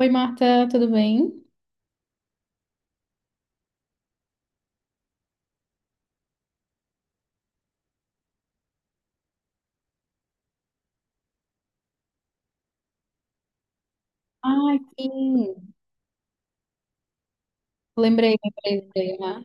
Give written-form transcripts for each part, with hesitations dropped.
Oi, Marta, tudo bem? Ai, sim. Lembrei, lembrei, lembrei, né?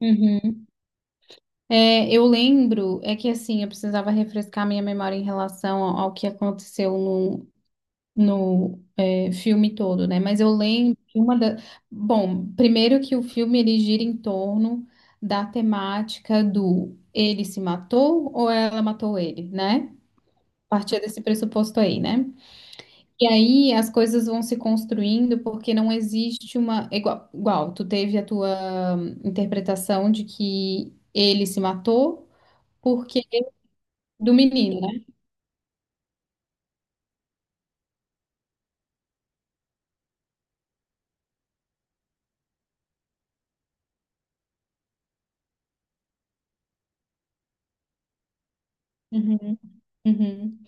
Uhum. É, eu lembro, é que assim, eu precisava refrescar minha memória em relação ao que aconteceu no filme todo, né? Mas eu lembro que uma da. Bom, primeiro que o filme ele gira em torno da temática do ele se matou ou ela matou ele, né? A partir desse pressuposto aí, né? E aí as coisas vão se construindo porque não existe uma. Igual, tu teve a tua interpretação de que ele se matou porque do menino, né? Uhum, uhum.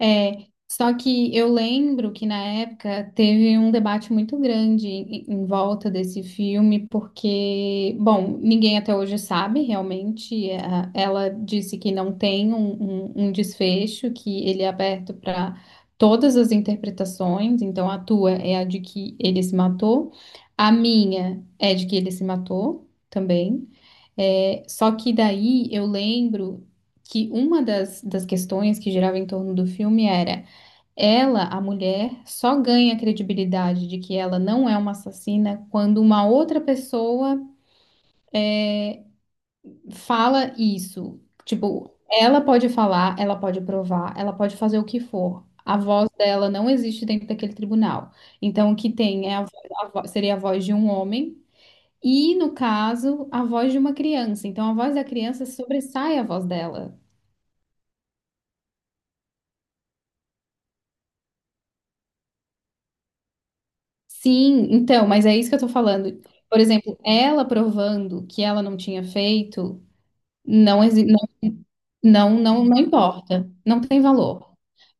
É, só que eu lembro que na época teve um debate muito grande em volta desse filme, porque, bom, ninguém até hoje sabe realmente. Ela disse que não tem um desfecho, que ele é aberto para todas as interpretações, então a tua é a de que ele se matou, a minha é de que ele se matou também. É, só que daí eu lembro que uma das questões que girava em torno do filme era ela, a mulher, só ganha credibilidade de que ela não é uma assassina quando uma outra pessoa fala isso. Tipo, ela pode falar, ela pode provar, ela pode fazer o que for. A voz dela não existe dentro daquele tribunal. Então, o que tem é seria a voz de um homem. E, no caso, a voz de uma criança. Então, a voz da criança sobressai a voz dela. Sim, então, mas é isso que eu tô falando. Por exemplo, ela provando que ela não tinha feito, não, não, não, não, não importa, não tem valor.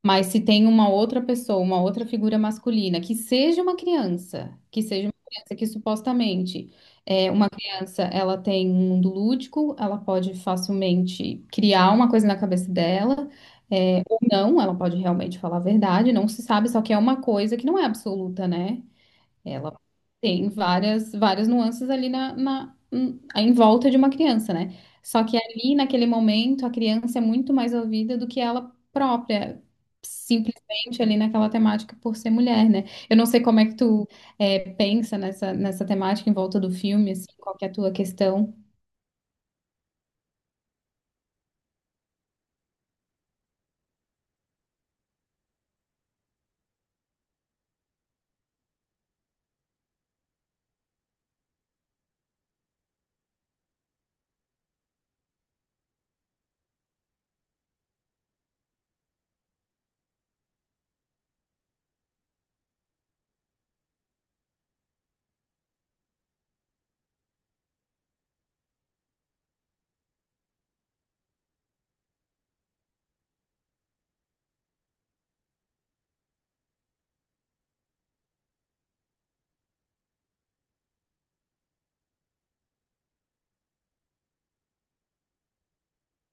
Mas se tem uma outra pessoa, uma outra figura masculina, que seja uma criança, que seja uma criança que supostamente é uma criança, ela tem um mundo lúdico, ela pode facilmente criar uma coisa na cabeça dela, ou não, ela pode realmente falar a verdade, não se sabe, só que é uma coisa que não é absoluta, né? Ela tem várias, várias nuances ali na em volta de uma criança, né? Só que ali, naquele momento, a criança é muito mais ouvida do que ela própria, simplesmente ali naquela temática por ser mulher, né? Eu não sei como é que tu pensa nessa temática em volta do filme, assim, qual que é a tua questão?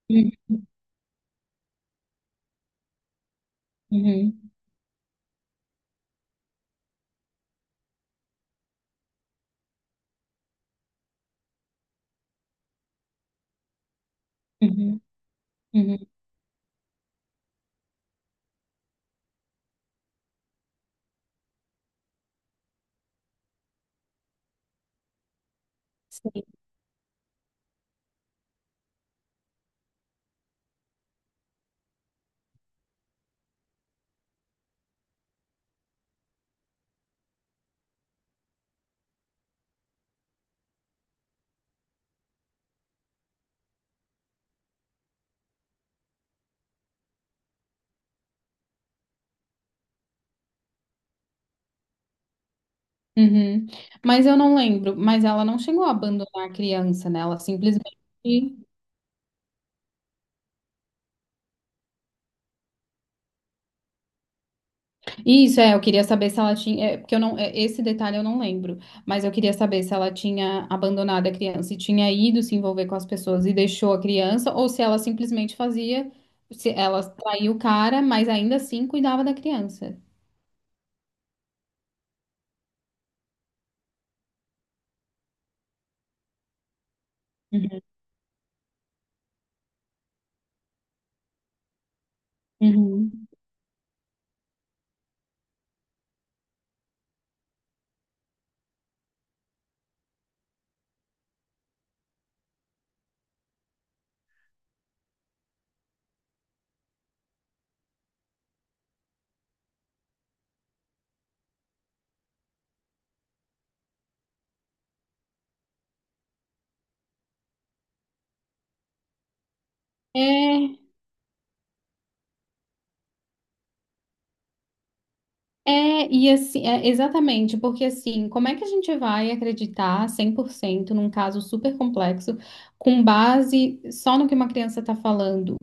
Uhum, uhum, uhum, uhum, sim. Uhum. Mas eu não lembro, mas ela não chegou a abandonar a criança, né? Ela simplesmente. Isso, eu queria saber se ela tinha, porque eu não, esse detalhe eu não lembro, mas eu queria saber se ela tinha abandonado a criança, se tinha ido se envolver com as pessoas e deixou a criança, ou se ela simplesmente fazia, se ela traiu o cara, mas ainda assim cuidava da criança. Uhum. Uhum. É, é, e assim, exatamente, porque assim, como é que a gente vai acreditar 100% num caso super complexo com base só no que uma criança está falando?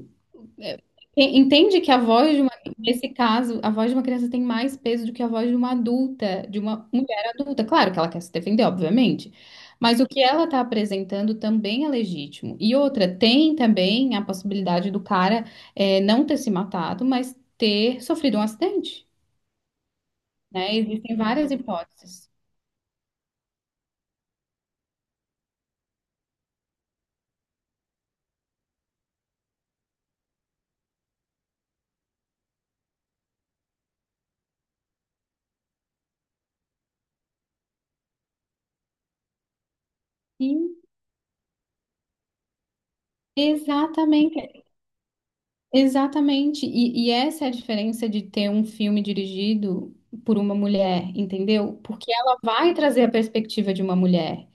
é, entende que a voz de uma, nesse caso, a voz de uma criança tem mais peso do que a voz de uma adulta, de uma mulher adulta. Claro que ela quer se defender, obviamente, mas o que ela está apresentando também é legítimo. E outra, tem também a possibilidade do cara não ter se matado, mas ter sofrido um acidente, né? Existem várias hipóteses. Sim, exatamente. Exatamente. E, essa é a diferença de ter um filme dirigido por uma mulher, entendeu? Porque ela vai trazer a perspectiva de uma mulher.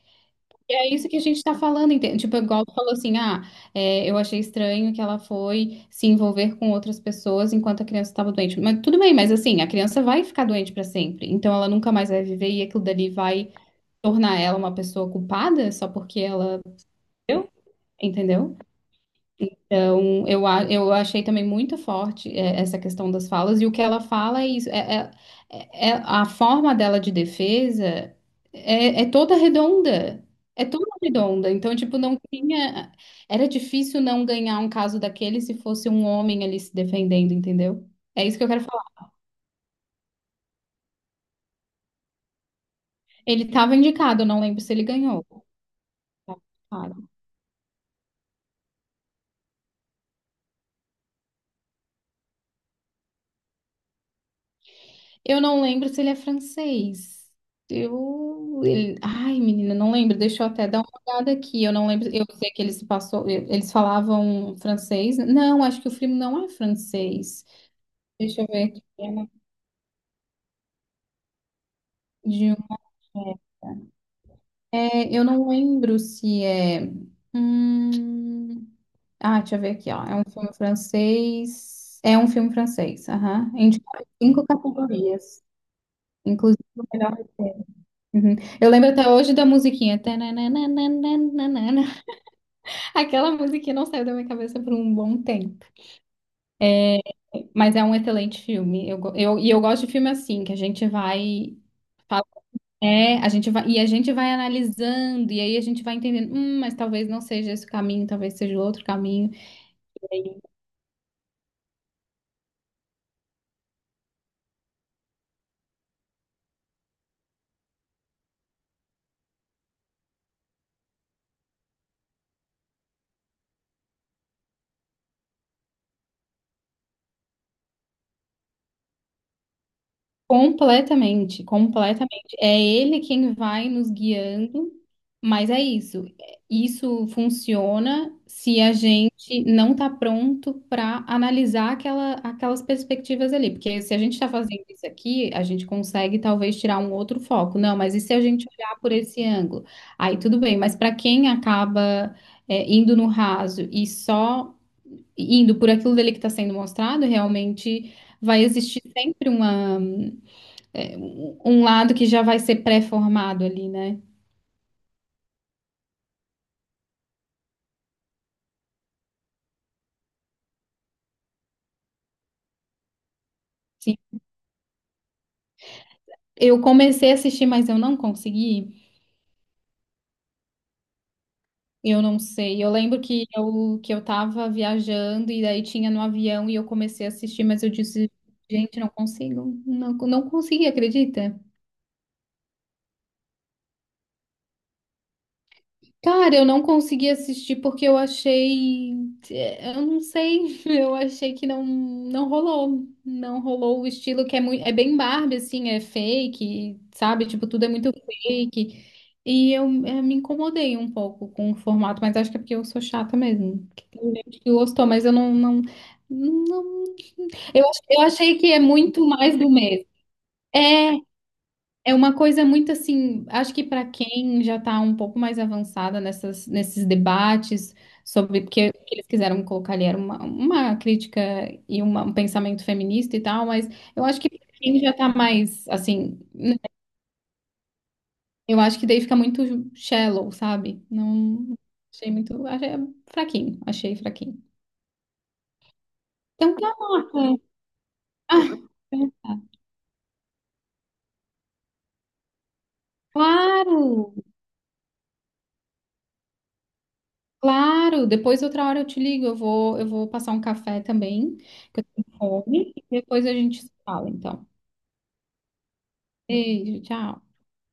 E é isso que a gente está falando, entende? Tipo, igual tu falou assim, ah, eu achei estranho que ela foi se envolver com outras pessoas enquanto a criança estava doente. Mas tudo bem, mas assim, a criança vai ficar doente para sempre. Então ela nunca mais vai viver e aquilo dali vai tornar ela uma pessoa culpada só porque ela, entendeu? Entendeu? Então, eu achei também muito forte essa questão das falas, e o que ela fala é isso, a forma dela de defesa é toda redonda, é toda redonda, então, tipo, não tinha, era difícil não ganhar um caso daquele se fosse um homem ali se defendendo, entendeu? É isso que eu quero falar. Ele estava indicado, eu não lembro se ele ganhou. Tá? Eu não lembro se ele é francês. Eu. Ai, menina, não lembro. Deixa eu até dar uma olhada aqui. Eu não lembro. Eu sei que eles passou. Eles falavam francês. Não, acho que o filme não é francês. Deixa eu ver aqui. É De um. Eu não lembro se é. Hum. Ah, deixa eu ver aqui, ó. É um filme francês. É um filme francês. Aham. Indicado em cinco categorias, inclusive o melhor. Uhum. Eu lembro até hoje da musiquinha. Tananana. Aquela musiquinha não saiu da minha cabeça por um bom tempo. Mas é um excelente filme. Eu, go- eu, e eu gosto de filme assim, que a gente vai. fala- É, a gente vai, e a gente vai analisando, e aí a gente vai entendendo, mas talvez não seja esse o caminho, talvez seja outro caminho. Completamente, completamente. É ele quem vai nos guiando, mas é isso. Isso funciona se a gente não está pronto para analisar aquelas perspectivas ali. Porque se a gente está fazendo isso aqui, a gente consegue talvez tirar um outro foco. Não, mas e se a gente olhar por esse ângulo? Aí tudo bem, mas para quem acaba, indo no raso e só indo por aquilo dele que está sendo mostrado, realmente vai existir sempre um lado que já vai ser pré-formado ali, né? Sim. Eu comecei a assistir, mas eu não consegui. Eu não sei. Eu lembro que que eu tava viajando e daí tinha no avião e eu comecei a assistir, mas eu disse, gente, não consigo. Não, não consegui, acredita? Cara, eu não consegui assistir porque eu achei, eu não sei, eu achei que não rolou, não rolou o estilo que é muito, é bem Barbie assim, é fake, sabe? Tipo, tudo é muito fake. E eu me incomodei um pouco com o formato, mas acho que é porque eu sou chata mesmo. Que Tem gente que gostou, mas eu não, não, não. Eu achei que é muito mais do mesmo. É, é, uma coisa muito assim, acho que para quem já está um pouco mais avançada nesses debates sobre porque o que eles quiseram colocar ali era uma crítica e um pensamento feminista e tal, mas eu acho que para quem já está mais assim, eu acho que daí fica muito shallow, sabe? Não achei muito, achei fraquinho, achei fraquinho. Então, tá, Marta. Ah, tá. Claro. Claro, depois outra hora eu te ligo, eu vou passar um café também, que eu tenho fome, e depois a gente se fala, então. Beijo, tchau.